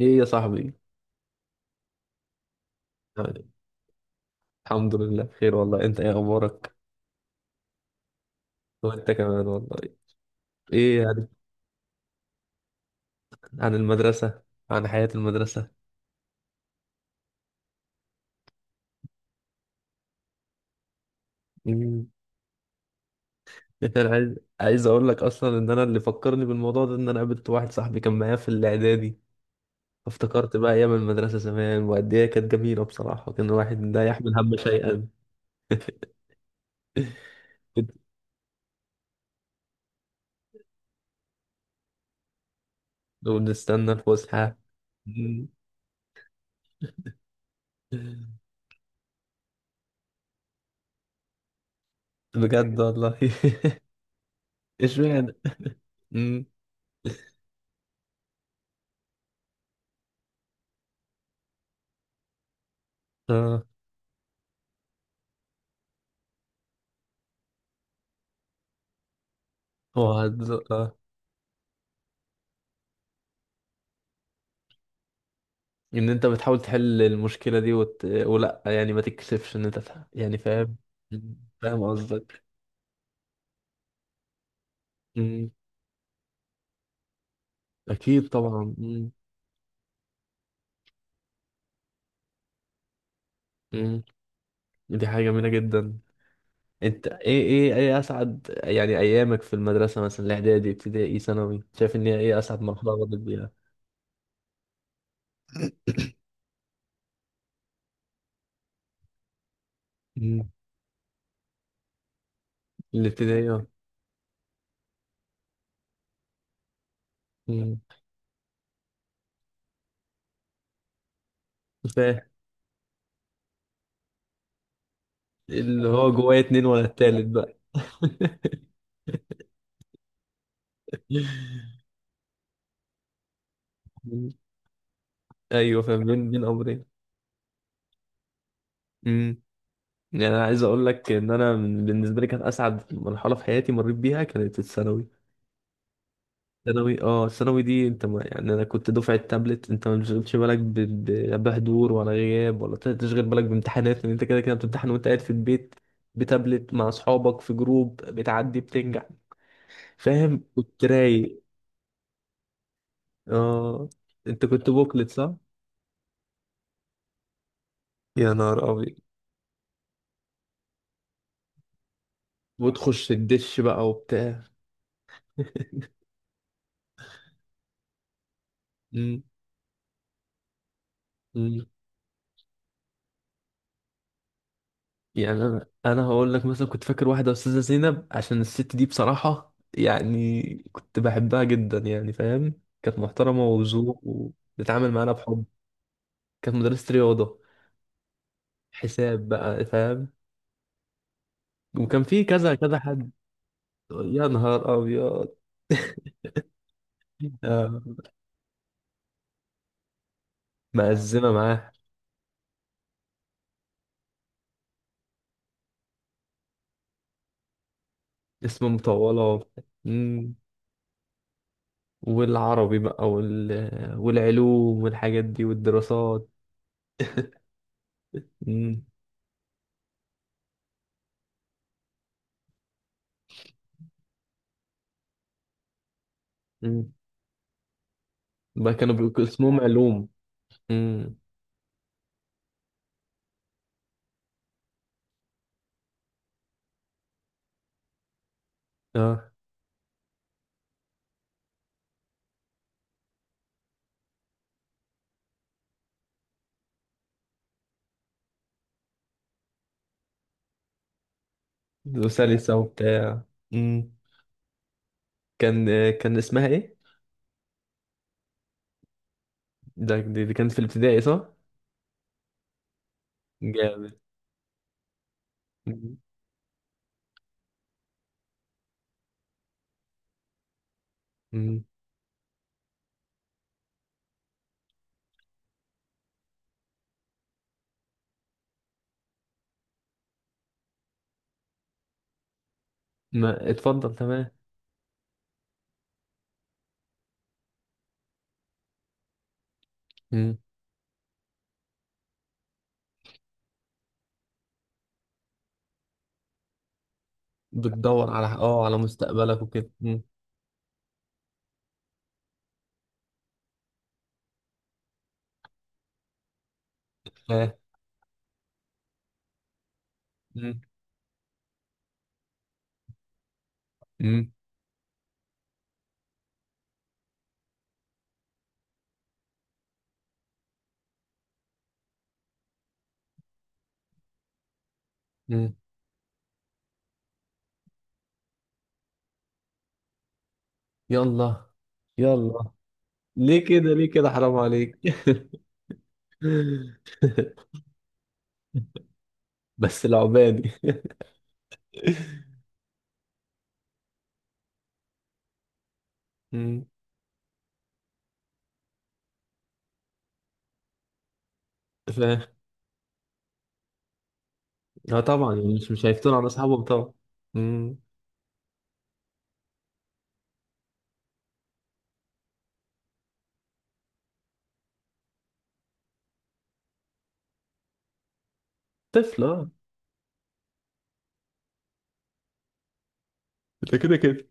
ايه يا صاحبي. يعني الحمد لله بخير والله، انت ايه اخبارك؟ وانت كمان والله. ايه عن المدرسة، عن حياة المدرسة. مم. انا عايز اقول لك اصلا ان انا اللي فكرني بالموضوع ده، ان انا قابلت واحد صاحبي كان معايا في الاعدادي. فافتكرت بقى ايام المدرسة زمان، وقد ايه كانت جميلة بصراحة، كان الواحد لا يحمل هم شيئا. ونستنى الفسحة. مم. بجد والله. اشمعنى. مم. اه. وعد- ان انت بتحاول تحل المشكلة دي ولا يعني ما تكسفش ان انت يعني فاهم. مم. فاهم قصدك. مم. اكيد طبعا. مم. مم. دي حاجة جميلة جدا. انت ايه اسعد يعني ايامك في المدرسة، مثلا الاعدادي، ابتدائي، ثانوي، شايف ان هي ايه اسعد مرحلة مريت بيها؟ مم. الابتدائي اه. مم. فاهم. اللي هو جوايا اتنين ولا التالت بقى. مم. ايوه فاهم، بين بين امرين. يعني انا عايز اقول لك ان انا بالنسبه لي كانت اسعد مرحله في حياتي مريت بيها، كانت الثانوي. الثانوي اه، الثانوي دي انت ما يعني، انا كنت دفعه تابلت، انت ما بتشغلش بالك لا بحضور ولا غياب ولا تشغل بالك بامتحانات، لان انت كده كده بتمتحن وانت قاعد في البيت. بتابلت مع اصحابك في جروب، بتعدي بتنجح. فاهم، كنت رايق. اه. انت كنت بوكلت صح؟ يا نهار ابيض. وتخش الدش بقى وبتاع. مم. يعني انا هقول لك. مثلا كنت فاكر واحده استاذه زينب، عشان الست دي بصراحه يعني كنت بحبها جدا. يعني فاهم، كانت محترمه وذوق وبتتعامل معانا بحب. كانت مدرسه رياضه، حساب بقى فاهم. وكان في كذا كذا حد. يا نهار ابيض. آه، مأزمه معاه. اسم مطوله. مم. والعربي بقى والعلوم والحاجات دي والدراسات. مم. مم. بقى كانوا بيقولوا اسمهم علوم. مم. اه، وسلسة وبتاع. امم. كان كان اسمها ايه؟ ده دي كانت في الابتدائي صح؟ جامد. مم. مم. ما اتفضل، تمام. مم. بتدور على على مستقبلك وكده. مم. ها. مم. مم. مم. يلا يلا، ليه كده، ليه كده، حرام عليك. بس العبادي. مم. ف اه طبعا، يعني مش هيفتون على اصحابهم طبعا. مم. طفل اه. ده كده كده.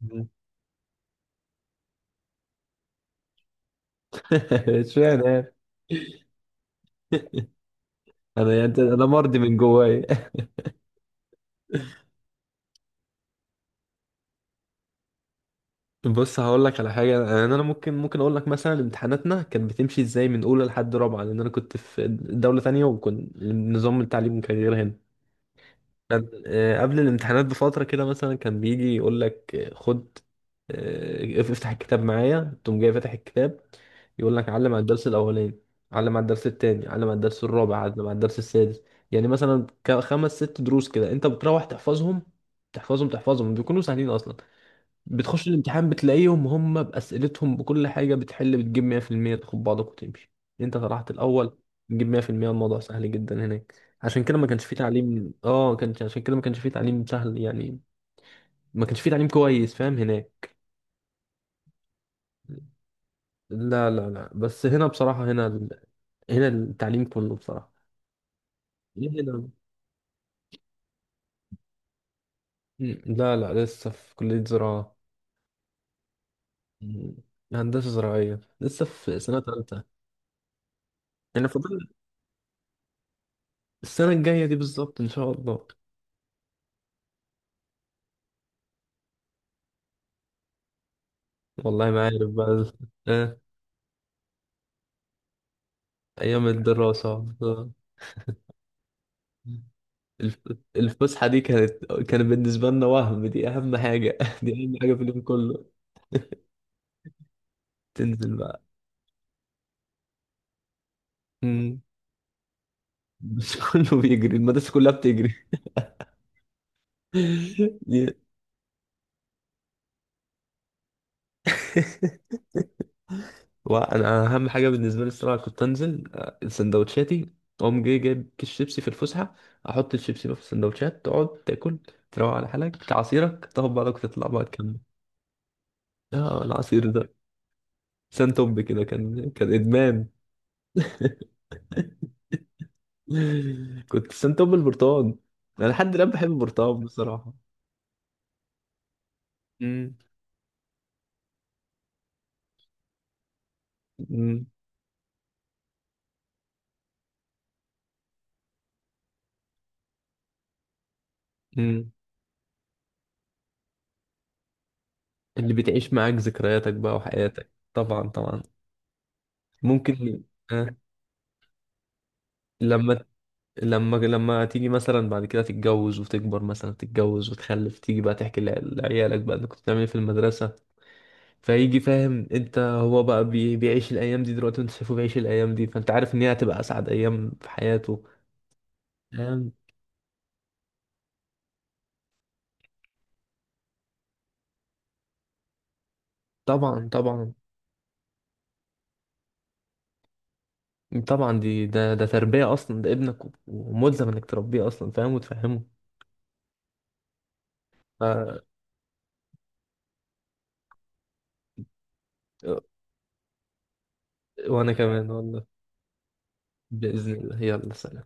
مم. اشمعنى يعني؟ انا يعني انا مرضي من جوايا. بص، هقول لك على حاجه. يعني انا ممكن اقول لك، مثلا امتحاناتنا كانت بتمشي ازاي من اولى لحد رابعه، لان انا كنت في دوله تانية، وكنت نظام التعليم كان غير هنا. كان قبل الامتحانات بفتره كده مثلا كان بيجي يقول لك خد، افتح الكتاب معايا، تقوم جاي فاتح الكتاب. يقول لك علم على الدرس الاولاني، علم على الدرس التاني، علم على الدرس الرابع، علم على الدرس السادس. يعني مثلا خمس ست دروس كده، انت بتروح تحفظهم. تحفظهم بيكونوا سهلين اصلا. بتخش الامتحان بتلاقيهم هم بأسئلتهم، بكل حاجة بتحل، بتجيب 100%، تاخد بعضك وتمشي. انت طلعت الأول. بتجيب 100%، الموضوع سهل جدا هناك. عشان كده ما كانش فيه تعليم، كان عشان كده ما كانش فيه تعليم، سهل يعني. ما كانش فيه تعليم كويس فاهم هناك. لا لا لا، بس هنا بصراحة، هنا هنا التعليم كله بصراحة. ليه هنا؟ مم، لا لا، لسه في كلية زراعة. مم، هندسة زراعية، لسه في سنة تالتة. يعني فاضل. السنة الجاية دي بالظبط إن شاء الله. والله ما عارف بقى. آه. أيام الدراسة آه. الف- الفسحة دي كانت بالنسبة لنا وهم، دي أهم حاجة. دي أهم حاجة في اليوم كله. تنزل بقى. مم. بس كله بيجري، المدرسة كلها بتجري. دي- وأنا أهم حاجة بالنسبة لي الصراحة كنت أنزل سندوتشاتي. أقوم جاي جايب كيس شيبسي في الفسحة، أحط الشيبسي بقى في السندوتشات، تقعد تاكل، تروق على حالك، تعصيرك، تاخد بعضك وتطلع بقى تكمل. اه، العصير ده سنتوب كده كان ادمان. كنت سنتوب البرتقال. انا لحد الان بحب البرتقال بصراحه. مم. مم. مم. اللي بتعيش معاك ذكرياتك بقى وحياتك، طبعا طبعا. ممكن. آه، لما لما تيجي مثلا بعد كده تتجوز وتكبر، مثلا تتجوز وتخلف، تيجي بقى تحكي لعيالك بقى انك كنت بتعمل ايه في المدرسة. فيجي فاهم انت، هو بقى بيعيش الايام دي دلوقتي وانت شايفه بيعيش الايام دي، فانت عارف ان هي هتبقى اسعد ايام في حياته. طبعا طبعا. طبعا دي ده تربية أصلا، ده ابنك وملزم إنك تربيه أصلا، فاهم، وتفهمه. آه. وأنا كمان والله. بإذن الله، يلا سلام.